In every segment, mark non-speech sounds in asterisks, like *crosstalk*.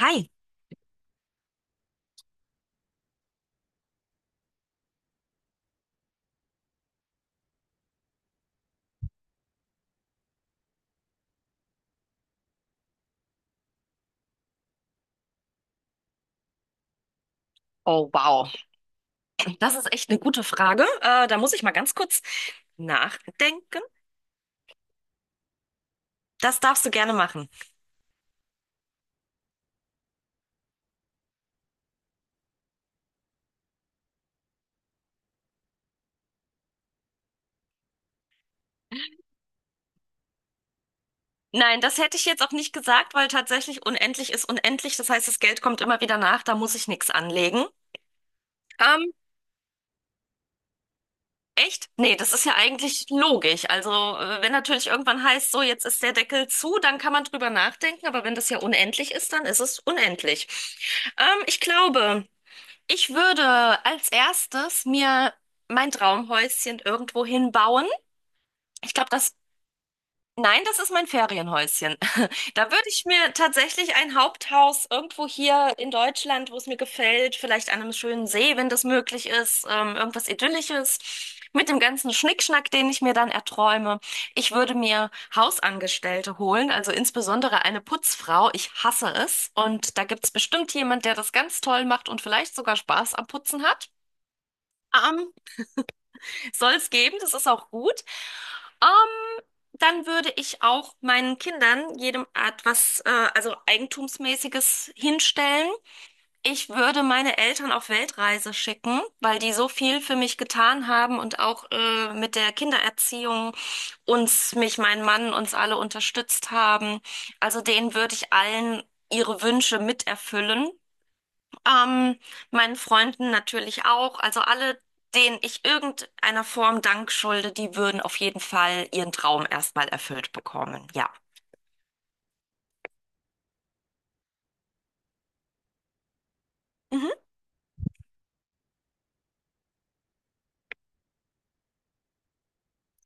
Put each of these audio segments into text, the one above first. Hi. Oh, wow. Das ist echt eine gute Frage. Da muss ich mal ganz kurz nachdenken. Das darfst du gerne machen. Nein, das hätte ich jetzt auch nicht gesagt, weil tatsächlich unendlich ist unendlich. Das heißt, das Geld kommt immer wieder nach. Da muss ich nichts anlegen. Ähm, Echt? Nee, das ist ja eigentlich logisch. Also, wenn natürlich irgendwann heißt, so, jetzt ist der Deckel zu, dann kann man drüber nachdenken. Aber wenn das ja unendlich ist, dann ist es unendlich. Ich glaube. Ich würde als erstes mir mein Traumhäuschen irgendwo hinbauen. Ich glaube, das, nein, das ist mein Ferienhäuschen. *laughs* Da würde ich mir tatsächlich ein Haupthaus irgendwo hier in Deutschland, wo es mir gefällt, vielleicht an einem schönen See, wenn das möglich ist, irgendwas Idyllisches, mit dem ganzen Schnickschnack, den ich mir dann erträume. Ich würde mir Hausangestellte holen, also insbesondere eine Putzfrau. Ich hasse es. Und da gibt es bestimmt jemand, der das ganz toll macht und vielleicht sogar Spaß am Putzen hat. Ähm, Soll es geben, das ist auch gut. Ähm, Dann würde ich auch meinen Kindern jedem Art was, also Eigentumsmäßiges hinstellen. Ich würde meine Eltern auf Weltreise schicken, weil die so viel für mich getan haben und auch mit der Kindererziehung uns, mich, mein Mann, uns alle unterstützt haben. Also denen würde ich allen ihre Wünsche miterfüllen. Ähm, Meinen Freunden natürlich auch. Also alle, denen ich irgendeiner Form Dank schulde, die würden auf jeden Fall ihren Traum erstmal erfüllt bekommen. Ja. Mhm.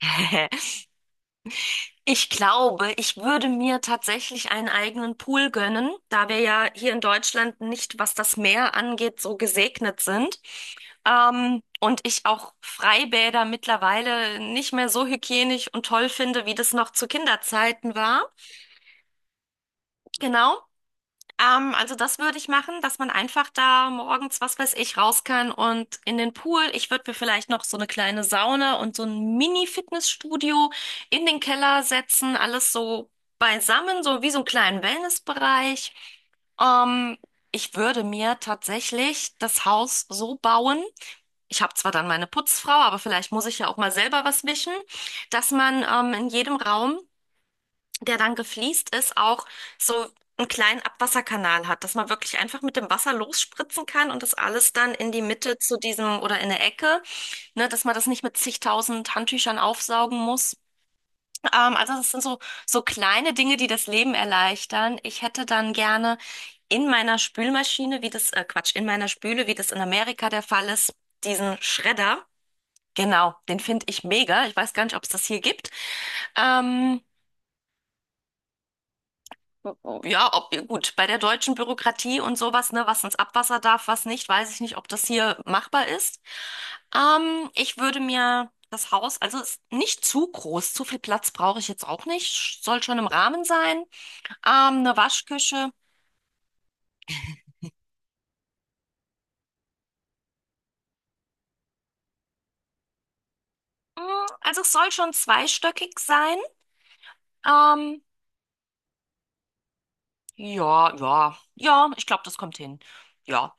*laughs* Ich glaube, ich würde mir tatsächlich einen eigenen Pool gönnen, da wir ja hier in Deutschland nicht, was das Meer angeht, so gesegnet sind. Und ich auch Freibäder mittlerweile nicht mehr so hygienisch und toll finde, wie das noch zu Kinderzeiten war. Genau. Also das würde ich machen, dass man einfach da morgens, was weiß ich, raus kann und in den Pool. Ich würde mir vielleicht noch so eine kleine Sauna und so ein Mini-Fitnessstudio in den Keller setzen, alles so beisammen, so wie so einen kleinen Wellnessbereich. Ähm, Ich würde mir tatsächlich das Haus so bauen. Ich habe zwar dann meine Putzfrau, aber vielleicht muss ich ja auch mal selber was wischen, dass man in jedem Raum der dann gefliest ist, auch so einen kleinen Abwasserkanal hat, dass man wirklich einfach mit dem Wasser losspritzen kann und das alles dann in die Mitte zu diesem oder in der Ecke, ne, dass man das nicht mit zigtausend Handtüchern aufsaugen muss. Also das sind so, so kleine Dinge, die das Leben erleichtern. Ich hätte dann gerne in meiner Spülmaschine, wie das, Quatsch, in meiner Spüle, wie das in Amerika der Fall ist, diesen Schredder. Genau, den finde ich mega. Ich weiß gar nicht, ob es das hier gibt. Ähm, Ja, ob, gut, bei der deutschen Bürokratie und sowas, ne, was ins Abwasser darf, was nicht, weiß ich nicht, ob das hier machbar ist. Ich würde mir das Haus, also es ist nicht zu groß, zu viel Platz brauche ich jetzt auch nicht, soll schon im Rahmen sein. Eine Waschküche, mm, also es soll schon zweistöckig sein. Ähm, ja, ja, ja, ich glaube, das kommt hin. Ja.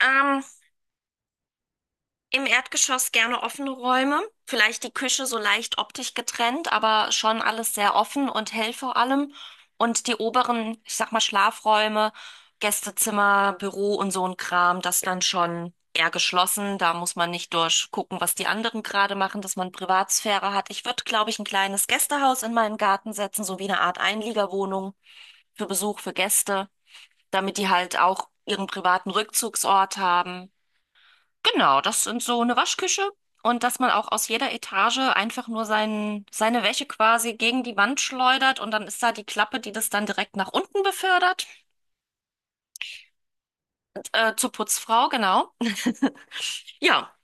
Ähm, Im Erdgeschoss gerne offene Räume, vielleicht die Küche so leicht optisch getrennt, aber schon alles sehr offen und hell vor allem. Und die oberen, ich sag mal, Schlafräume, Gästezimmer, Büro und so ein Kram, das dann schon eher geschlossen. Da muss man nicht durchgucken, was die anderen gerade machen, dass man Privatsphäre hat. Ich würde, glaube ich, ein kleines Gästehaus in meinen Garten setzen, so wie eine Art Einliegerwohnung für Besuch, für Gäste, damit die halt auch ihren privaten Rückzugsort haben. Genau, das sind so eine Waschküche und dass man auch aus jeder Etage einfach nur sein, seine Wäsche quasi gegen die Wand schleudert und dann ist da die Klappe, die das dann direkt nach unten befördert, zur Putzfrau, genau. Ja,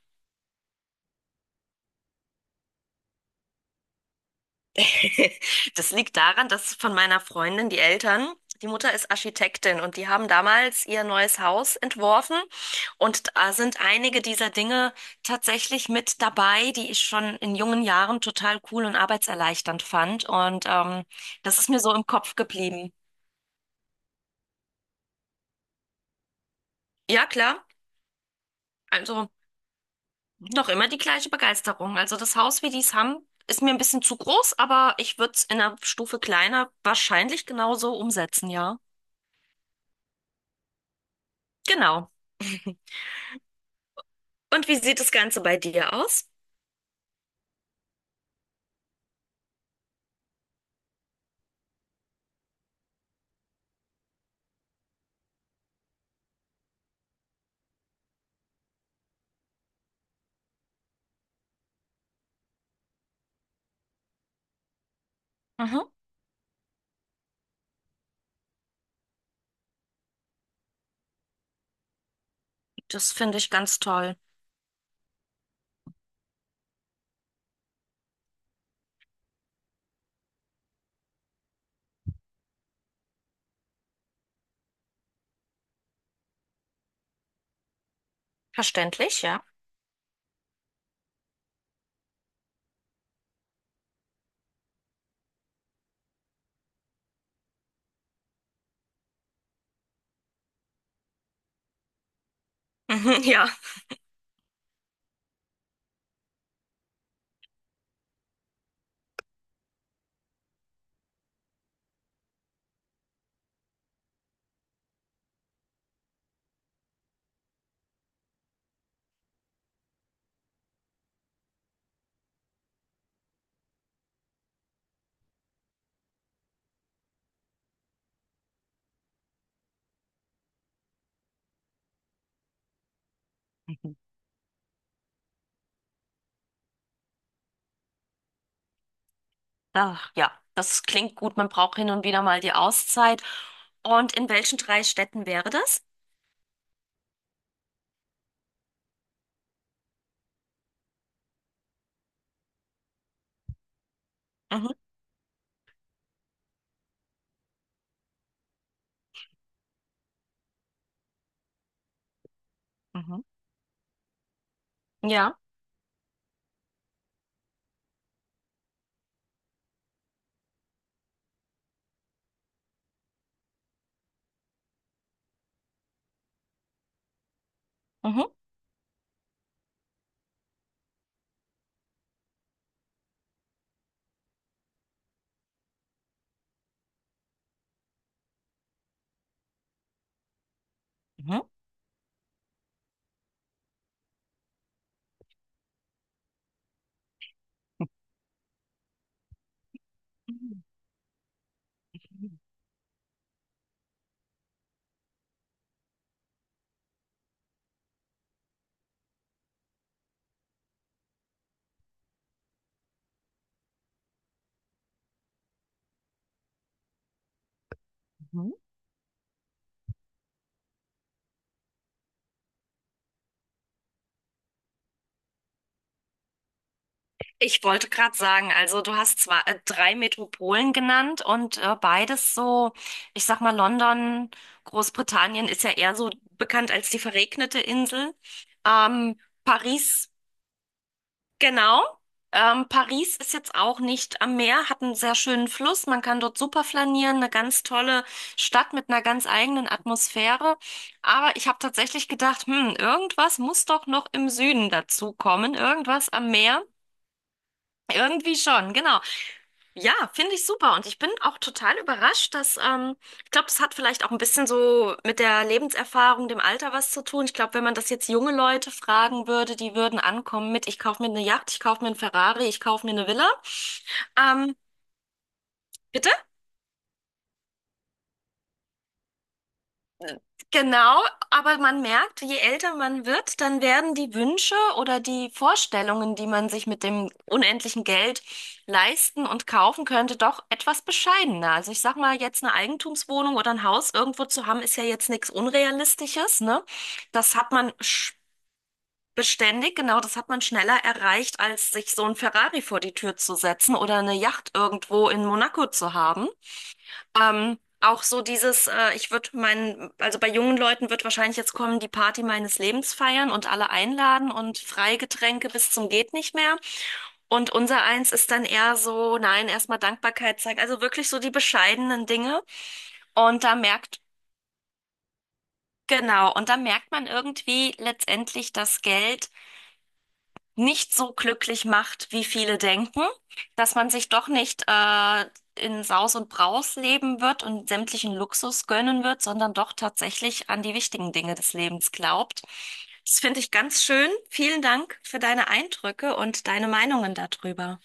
*laughs* das liegt daran, dass von meiner Freundin die Eltern, die Mutter ist Architektin und die haben damals ihr neues Haus entworfen und da sind einige dieser Dinge tatsächlich mit dabei, die ich schon in jungen Jahren total cool und arbeitserleichternd fand und das ist mir so im Kopf geblieben. Ja, klar, also noch immer die gleiche Begeisterung. Also das Haus, wie die es haben, ist mir ein bisschen zu groß, aber ich würde es in einer Stufe kleiner wahrscheinlich genauso umsetzen, ja. Genau. Und wie sieht das Ganze bei dir aus? Mhm. Das finde ich ganz toll. Verständlich, ja. Mhm, ja. Mhm. Ach, ja, das klingt gut. Man braucht hin und wieder mal die Auszeit. Und in welchen drei Städten wäre das? Mhm. Mhm. Ja. Mhm. Mhm. Mhm. Ich wollte gerade sagen, also du hast zwar drei Metropolen genannt und beides so, ich sag mal, London, Großbritannien ist ja eher so bekannt als die verregnete Insel. Paris genau. Paris ist jetzt auch nicht am Meer, hat einen sehr schönen Fluss. Man kann dort super flanieren, eine ganz tolle Stadt mit einer ganz eigenen Atmosphäre. Aber ich habe tatsächlich gedacht, hm, irgendwas muss doch noch im Süden dazu kommen, irgendwas am Meer. Irgendwie schon, genau. Ja, finde ich super. Und ich bin auch total überrascht, dass, ich glaube, das hat vielleicht auch ein bisschen so mit der Lebenserfahrung, dem Alter was zu tun. Ich glaube, wenn man das jetzt junge Leute fragen würde, die würden ankommen mit, ich kaufe mir eine Yacht, ich kaufe mir einen Ferrari, ich kaufe mir eine Villa. Ähm, Bitte? Genau, aber man merkt, je älter man wird, dann werden die Wünsche oder die Vorstellungen, die man sich mit dem unendlichen Geld leisten und kaufen könnte, doch etwas bescheidener. Also ich sag mal, jetzt eine Eigentumswohnung oder ein Haus irgendwo zu haben, ist ja jetzt nichts Unrealistisches, ne? Das hat man sch- beständig, genau, das hat man schneller erreicht, als sich so ein Ferrari vor die Tür zu setzen oder eine Yacht irgendwo in Monaco zu haben. Auch so dieses, ich würde meinen, also bei jungen Leuten wird wahrscheinlich jetzt kommen, die Party meines Lebens feiern und alle einladen und Freigetränke bis zum geht nicht mehr. Und unser eins ist dann eher so, nein, erstmal Dankbarkeit zeigen. Also wirklich so die bescheidenen Dinge. Und da merkt, genau, und da merkt man irgendwie letztendlich, dass Geld nicht so glücklich macht, wie viele denken, dass man sich doch nicht in Saus und Braus leben wird und sämtlichen Luxus gönnen wird, sondern doch tatsächlich an die wichtigen Dinge des Lebens glaubt. Das finde ich ganz schön. Vielen Dank für deine Eindrücke und deine Meinungen darüber.